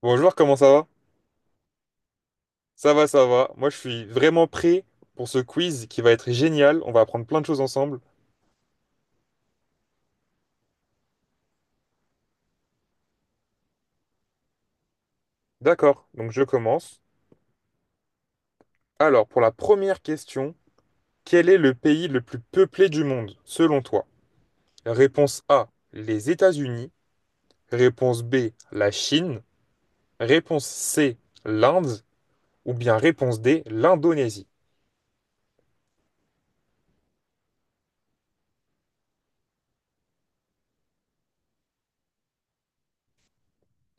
Bonjour, comment ça va? Ça va, ça va. Moi, je suis vraiment prêt pour ce quiz qui va être génial. On va apprendre plein de choses ensemble. D'accord, donc je commence. Alors, pour la première question, quel est le pays le plus peuplé du monde, selon toi? Réponse A, les États-Unis. Réponse B, la Chine. Réponse C, l'Inde. Ou bien réponse D, l'Indonésie.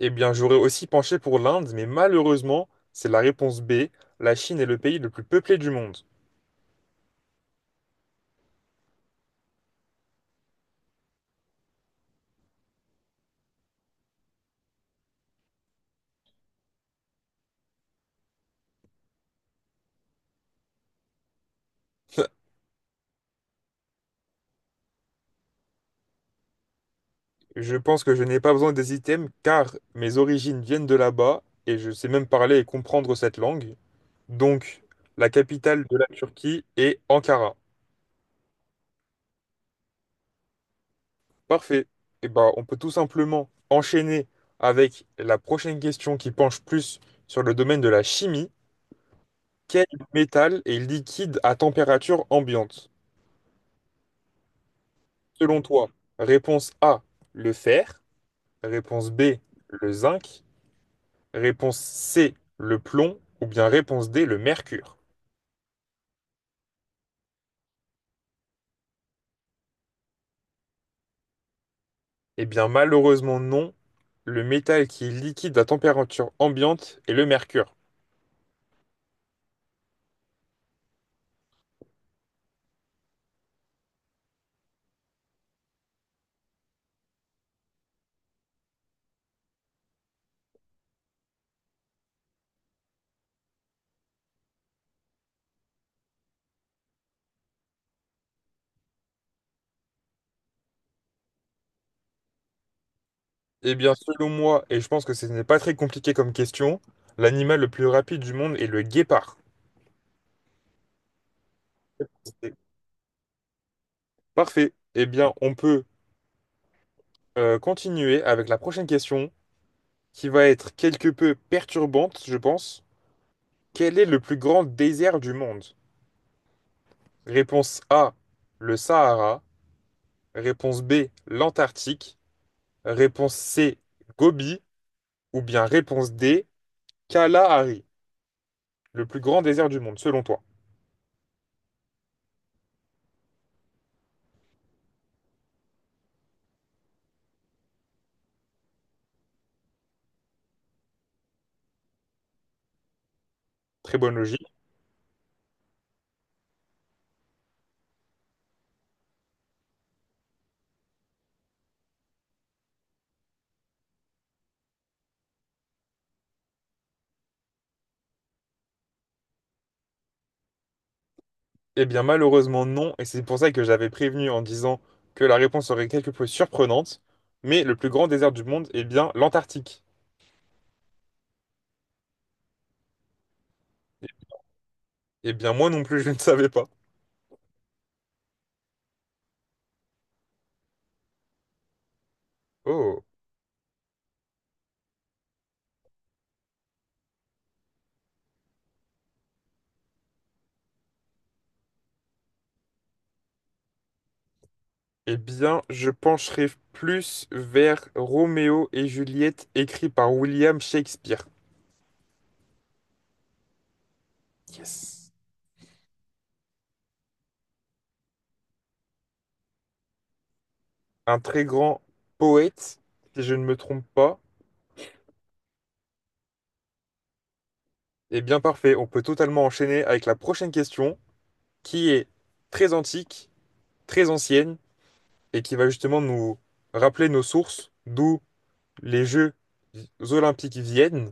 Eh bien, j'aurais aussi penché pour l'Inde, mais malheureusement, c'est la réponse B. La Chine est le pays le plus peuplé du monde. Je pense que je n'ai pas besoin des items car mes origines viennent de là-bas et je sais même parler et comprendre cette langue. Donc, la capitale de la Turquie est Ankara. Parfait. Et ben, on peut tout simplement enchaîner avec la prochaine question qui penche plus sur le domaine de la chimie. Quel métal est liquide à température ambiante? Selon toi, réponse A, le fer, réponse B, le zinc, réponse C, le plomb ou bien réponse D, le mercure. Eh bien, malheureusement non. Le métal qui est liquide à température ambiante est le mercure. Eh bien, selon moi, et je pense que ce n'est pas très compliqué comme question, l'animal le plus rapide du monde est le guépard. C'est parfait. Eh bien, on peut continuer avec la prochaine question, qui va être quelque peu perturbante, je pense. Quel est le plus grand désert du monde? Réponse A, le Sahara. Réponse B, l'Antarctique. Réponse C, Gobi. Ou bien réponse D, Kalahari, le plus grand désert du monde, selon toi? Très bonne logique. Eh bien, malheureusement, non. Et c'est pour ça que j'avais prévenu en disant que la réponse serait quelque peu surprenante. Mais le plus grand désert du monde, est bien, l'Antarctique. Eh bien, moi non plus, je ne savais pas. Oh. Eh bien, je pencherai plus vers Roméo et Juliette, écrit par William Shakespeare. Yes. Un très grand poète, si je ne me trompe pas. Eh bien, parfait. On peut totalement enchaîner avec la prochaine question, qui est très antique, très ancienne, et qui va justement nous rappeler nos sources, d'où les Jeux olympiques viennent,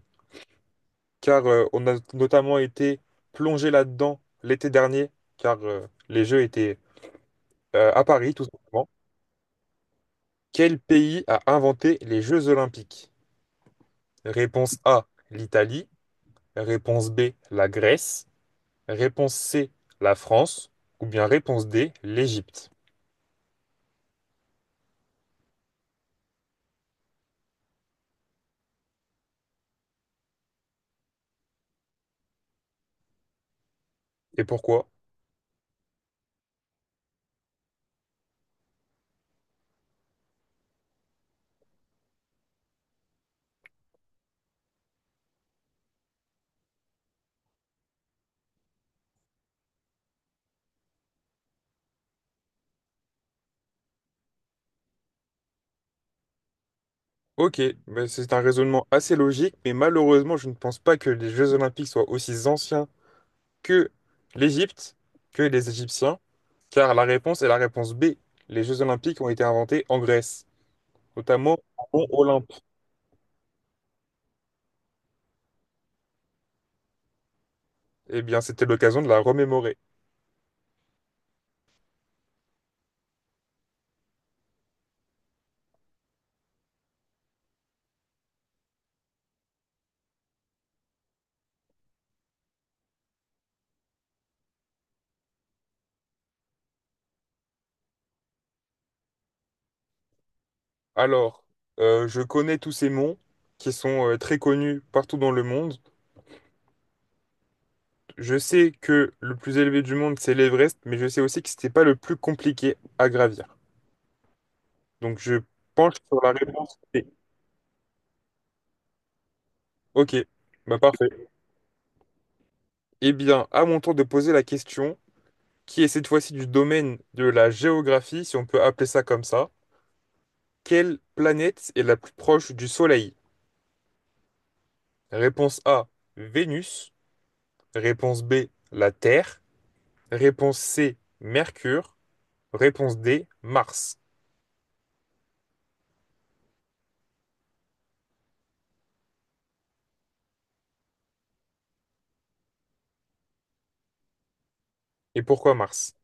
car on a notamment été plongé là-dedans l'été dernier, car les Jeux étaient à Paris, tout simplement. Quel pays a inventé les Jeux olympiques? Réponse A, l'Italie. Réponse B, la Grèce. Réponse C, la France. Ou bien réponse D, l'Égypte. Et pourquoi? Ok, ben, c'est un raisonnement assez logique, mais malheureusement, je ne pense pas que les Jeux Olympiques soient aussi anciens que l'Égypte, que les Égyptiens, car la réponse est la réponse B. Les Jeux Olympiques ont été inventés en Grèce, notamment au mont Olympe. Eh bien, c'était l'occasion de la remémorer. Alors, je connais tous ces monts qui sont très connus partout dans le monde. Je sais que le plus élevé du monde, c'est l'Everest, mais je sais aussi que c'était pas le plus compliqué à gravir. Donc, je penche sur la réponse B. Ok, bah parfait. Eh bien, à mon tour de poser la question, qui est cette fois-ci du domaine de la géographie, si on peut appeler ça comme ça. Quelle planète est la plus proche du Soleil? Réponse A, Vénus. Réponse B, la Terre. Réponse C, Mercure. Réponse D, Mars. Et pourquoi Mars?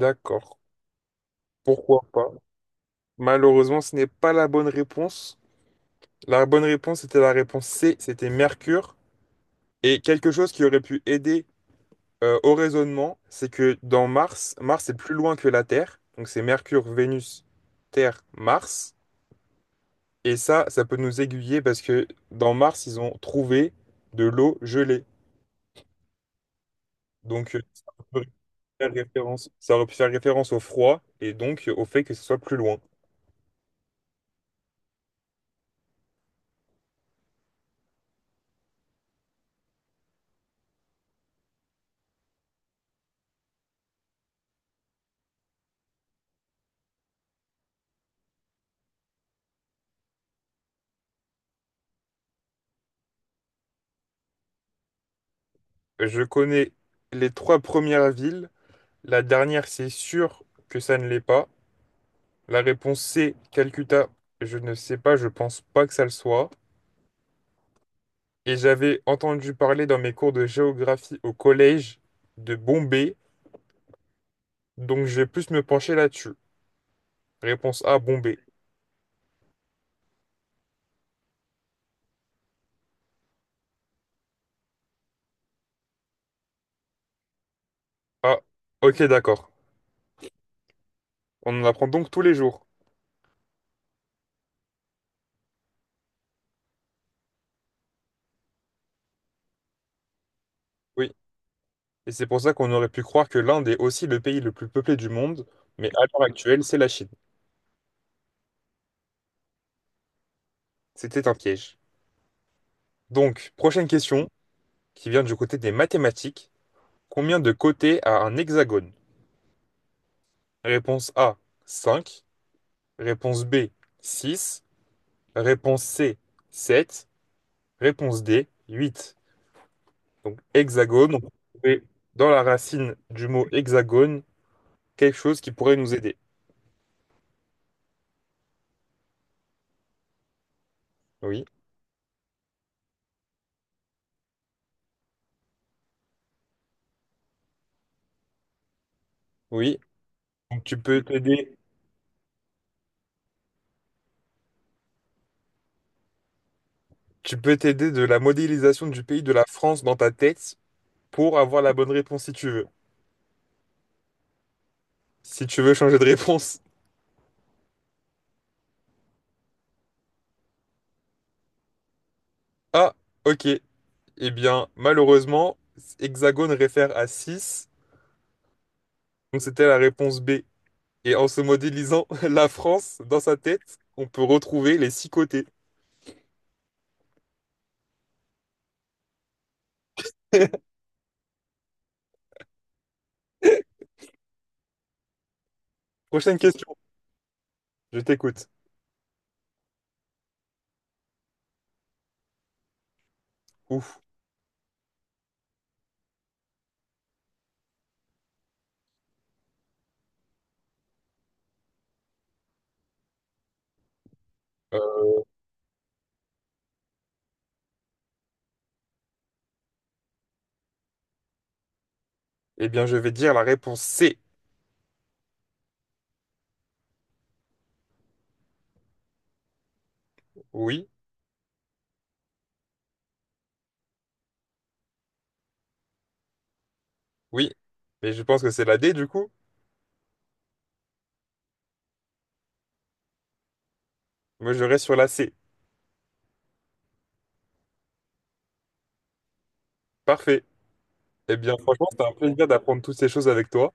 D'accord, pourquoi pas? Malheureusement, ce n'est pas la bonne réponse. La bonne réponse était la réponse C, c'était Mercure. Et quelque chose qui aurait pu aider au raisonnement, c'est que dans Mars, Mars est plus loin que la Terre. Donc c'est Mercure, Vénus, Terre, Mars. Et ça peut nous aiguiller parce que dans Mars, ils ont trouvé de l'eau gelée. Donc ça aurait pu faire référence, ça aurait pu faire référence au froid et donc au fait que ce soit plus loin. Je connais les trois premières villes. La dernière, c'est sûr que ça ne l'est pas. La réponse C, Calcutta, je ne sais pas, je pense pas que ça le soit. Et j'avais entendu parler dans mes cours de géographie au collège de Bombay, donc je vais plus me pencher là-dessus. Réponse A, Bombay. Ah, ok, d'accord. On en apprend donc tous les jours. Oui, et c'est pour ça qu'on aurait pu croire que l'Inde est aussi le pays le plus peuplé du monde, mais à l'heure actuelle, c'est la Chine. C'était un piège. Donc, prochaine question, qui vient du côté des mathématiques. Combien de côtés a un hexagone? Réponse A, 5. Réponse B, 6. Réponse C, 7. Réponse D, 8. Donc hexagone, on peut trouver dans la racine du mot hexagone quelque chose qui pourrait nous aider. Oui, oui. Donc tu peux t'aider de la modélisation du pays de la France dans ta tête pour avoir la bonne réponse si tu veux. Si tu veux changer de réponse. Ah, ok. Eh bien, malheureusement, hexagone réfère à 6. Donc c'était la réponse B. Et en se modélisant la France dans sa tête, on peut retrouver les six côtés. Prochaine question, je t'écoute. Ouf. Euh, eh bien, je vais dire la réponse C. Oui, oui. Mais je pense que c'est la D du coup. Moi, je reste sur la C. Parfait. Eh bien, franchement, c'était un plaisir d'apprendre toutes ces choses avec toi.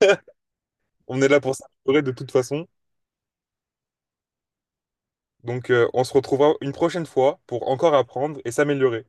On est là pour s'améliorer de toute façon. Donc, on se retrouvera une prochaine fois pour encore apprendre et s'améliorer.